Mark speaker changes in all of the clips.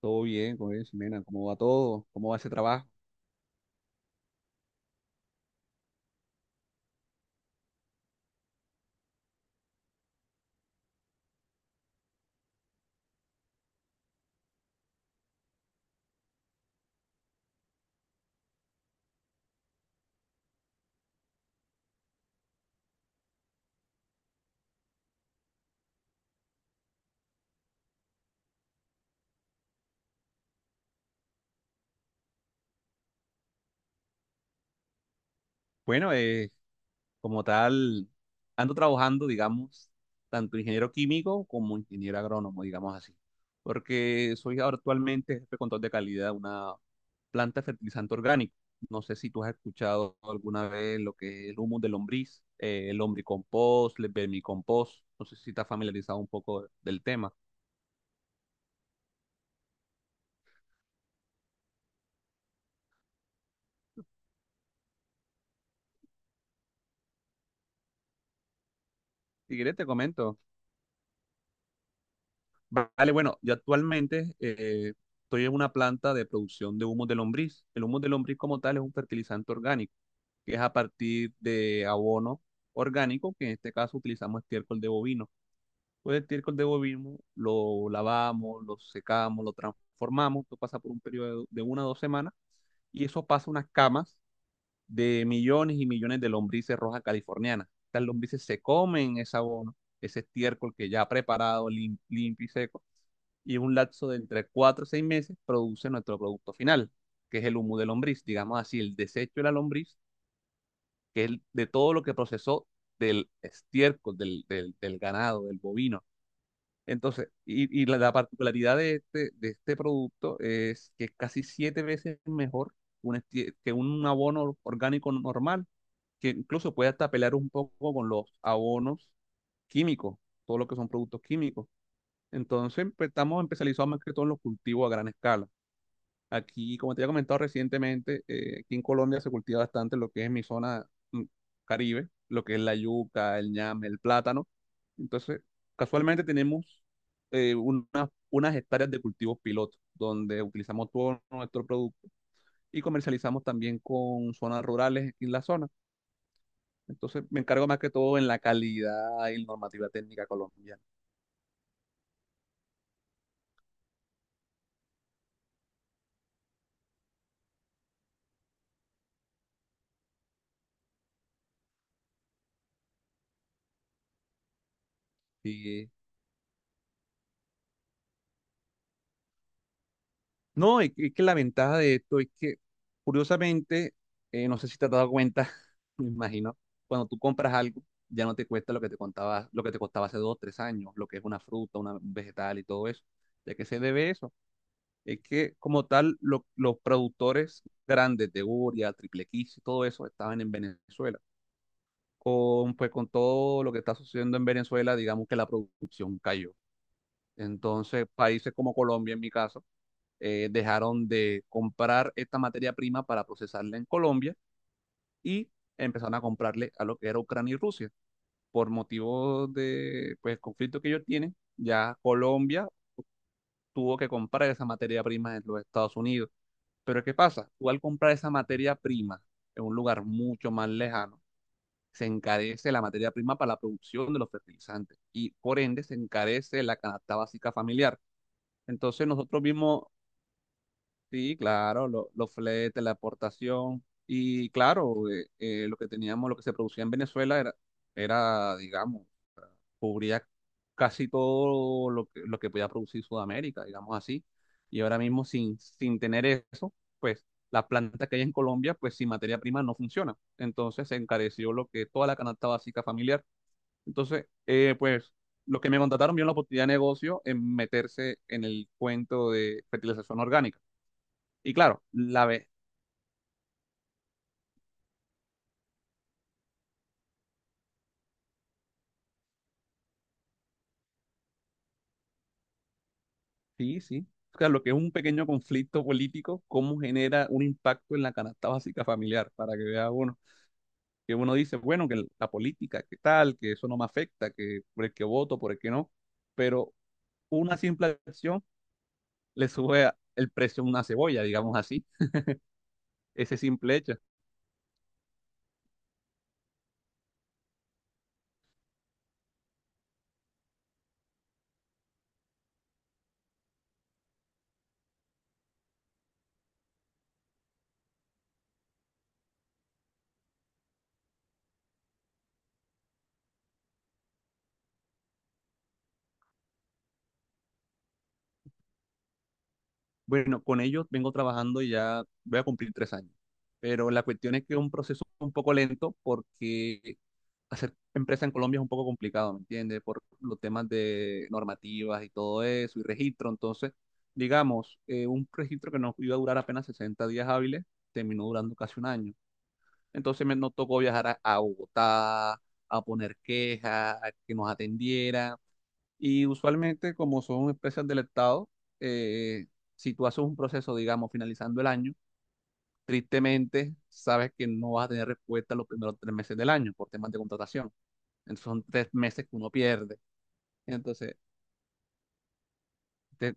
Speaker 1: Todo bien, ¿cómo bien, Ximena? ¿Cómo va todo? ¿Cómo va ese trabajo? Bueno, como tal, ando trabajando, digamos, tanto ingeniero químico como ingeniero agrónomo, digamos así, porque soy ahora actualmente jefe de control de calidad de una planta de fertilizante orgánico. No sé si tú has escuchado alguna vez lo que es el humus de lombriz, el lombricompost, el vermicompost. No sé si estás familiarizado un poco del tema. Si quieres, te comento. Vale, bueno, yo actualmente estoy en una planta de producción de humos de lombriz. El humo de lombriz como tal es un fertilizante orgánico, que es a partir de abono orgánico, que en este caso utilizamos estiércol de bovino. Pues el estiércol de bovino lo lavamos, lo secamos, lo transformamos, esto pasa por un periodo de 1 o 2 semanas, y eso pasa a unas camas de millones y millones de lombrices rojas californianas. Estas lombrices se comen ese abono, ese estiércol que ya ha preparado, limpio y seco, y en un lapso de entre 4 o 6 meses produce nuestro producto final, que es el humo de lombriz, digamos así, el desecho de la lombriz, que es de todo lo que procesó del estiércol, del ganado, del bovino. Entonces, y la particularidad de este, producto es que es casi 7 veces mejor que un abono orgánico normal, que incluso puede hasta pelear un poco con los abonos químicos, todo lo que son productos químicos. Entonces, pues, estamos especializados más que todo en los cultivos a gran escala. Aquí, como te había comentado recientemente, aquí en Colombia se cultiva bastante lo que es mi zona mm, Caribe, lo que es la yuca, el ñame, el plátano. Entonces, casualmente tenemos unas hectáreas de cultivos piloto, donde utilizamos todo nuestro producto y comercializamos también con zonas rurales aquí en la zona. Entonces, me encargo más que todo en la calidad y normativa técnica colombiana. Y no, es que la ventaja de esto es que, curiosamente, no sé si te has dado cuenta, me imagino, cuando tú compras algo, ya no te cuesta lo que te contaba, lo que te costaba hace 2, 3 años, lo que es una fruta, un vegetal y todo eso. ¿De qué se debe eso? Es que, como tal, los productores grandes de Uria, Triple X y todo eso estaban en Venezuela. Pues, con todo lo que está sucediendo en Venezuela, digamos que la producción cayó. Entonces, países como Colombia, en mi caso, dejaron de comprar esta materia prima para procesarla en Colombia y empezaron a comprarle a lo que era Ucrania y Rusia. Por motivos de, pues, conflicto que ellos tienen, ya Colombia tuvo que comprar esa materia prima en los Estados Unidos. Pero ¿qué pasa? Tú, al comprar esa materia prima en un lugar mucho más lejano, se encarece la materia prima para la producción de los fertilizantes y por ende se encarece la canasta básica familiar. Entonces nosotros mismos, sí, claro, los fletes, la aportación. Y claro, lo que teníamos, lo que se producía en Venezuela era, digamos, cubría casi todo lo que podía producir Sudamérica, digamos así. Y ahora mismo, sin tener eso, pues las plantas que hay en Colombia, pues sin materia prima no funcionan. Entonces se encareció lo que toda la canasta básica familiar. Entonces, pues los que me contrataron vieron la oportunidad de negocio en meterse en el cuento de fertilización orgánica. Y claro, sí, sí. O sea, lo que es un pequeño conflicto político, cómo genera un impacto en la canasta básica familiar, para que vea uno, que uno dice, bueno, que la política, que tal, que eso no me afecta, que por el que voto, por el que no, pero una simple acción le sube el precio a una cebolla, digamos así, ese simple hecho. Bueno, con ellos vengo trabajando y ya voy a cumplir 3 años, pero la cuestión es que es un proceso un poco lento, porque hacer empresa en Colombia es un poco complicado, ¿me entiendes? Por los temas de normativas y todo eso, y registro. Entonces, digamos, un registro que nos iba a durar apenas 60 días hábiles, terminó durando casi un año. Entonces me nos tocó viajar a Bogotá, a poner quejas, a que nos atendieran. Y usualmente, como son empresas del Estado, eh, si tú haces un proceso, digamos, finalizando el año, tristemente sabes que no vas a tener respuesta los primeros 3 meses del año por temas de contratación. Entonces son 3 meses que uno pierde. Entonces, te-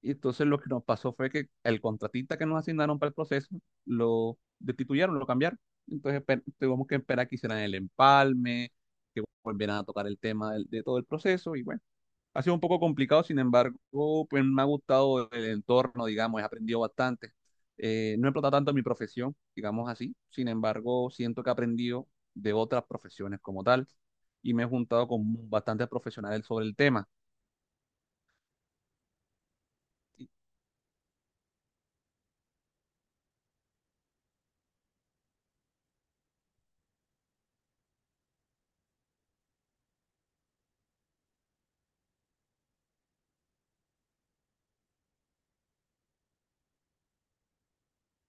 Speaker 1: y entonces lo que nos pasó fue que el contratista que nos asignaron para el proceso lo destituyeron, lo cambiaron. Entonces tuvimos que esperar que hicieran el empalme, que volvieran a tocar el tema de todo el proceso. Y bueno, ha sido un poco complicado; sin embargo, pues me ha gustado el entorno, digamos, he aprendido bastante. No he explotado tanto mi profesión, digamos así. Sin embargo, siento que he aprendido de otras profesiones como tal y me he juntado con bastantes profesionales sobre el tema. Y,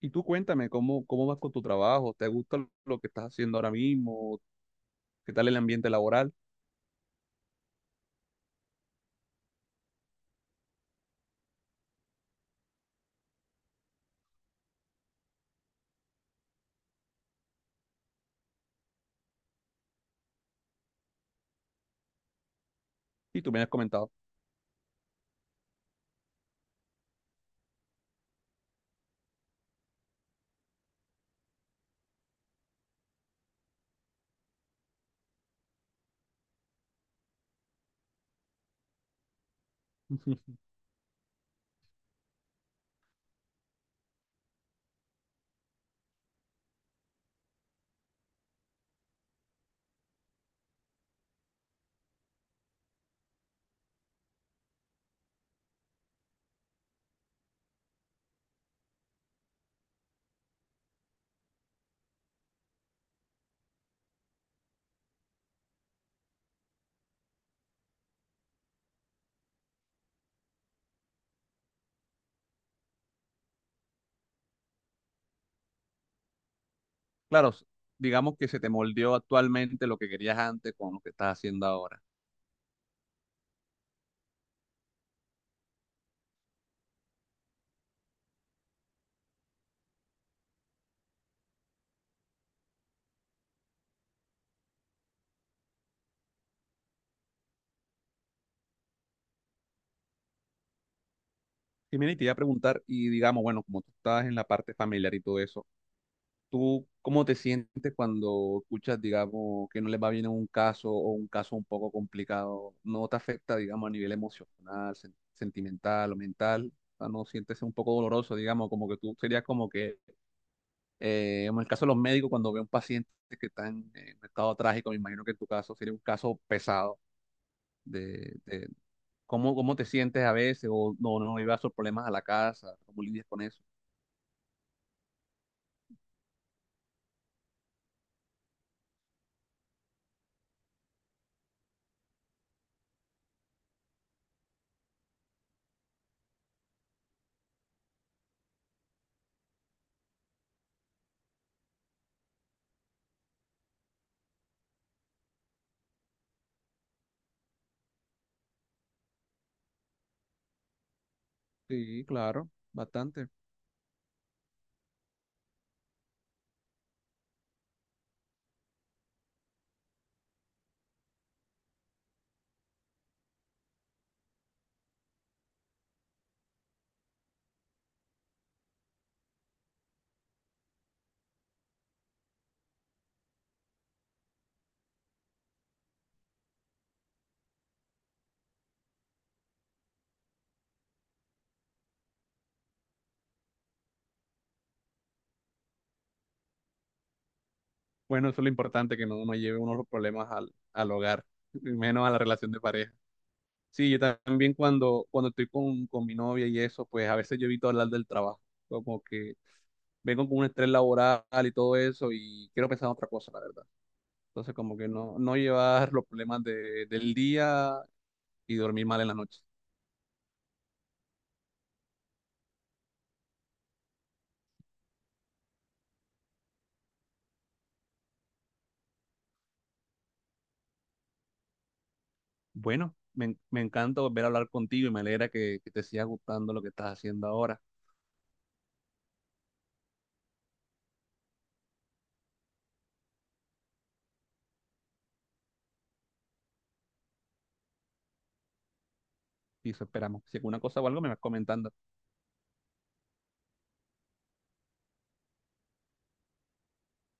Speaker 1: y tú cuéntame, ¿cómo vas con tu trabajo? ¿Te gusta lo que estás haciendo ahora mismo? ¿Qué tal el ambiente laboral? Y tú me has comentado. Ujú. Claro, digamos que se te moldeó actualmente lo que querías antes con lo que estás haciendo ahora. Y mira, y te iba a preguntar, y digamos, bueno, como tú estás en la parte familiar y todo eso, ¿tú cómo te sientes cuando escuchas, digamos, que no les va bien en un caso, o un caso un poco complicado? ¿No te afecta, digamos, a nivel emocional, sentimental o mental? O sea, ¿no sientes un poco doloroso, digamos, como que tú serías como que, en el caso de los médicos, cuando ve un paciente que está en un estado trágico, me imagino que en tu caso sería un caso pesado de cómo te sientes a veces, o no, no llevas esos problemas a la casa, cómo lidias con eso? Sí, claro, bastante. Bueno, eso es lo importante, que no, no lleve unos problemas al hogar, y menos a la relación de pareja. Sí, yo también cuando, estoy con mi novia y eso, pues a veces yo evito hablar del trabajo, como que vengo con un estrés laboral y todo eso, y quiero pensar en otra cosa, la verdad. Entonces, como que no, no llevar los problemas del día y dormir mal en la noche. Bueno, me encanta volver a hablar contigo y me alegra que te siga gustando lo que estás haciendo ahora. Y eso esperamos. Si alguna cosa o algo, me vas comentando.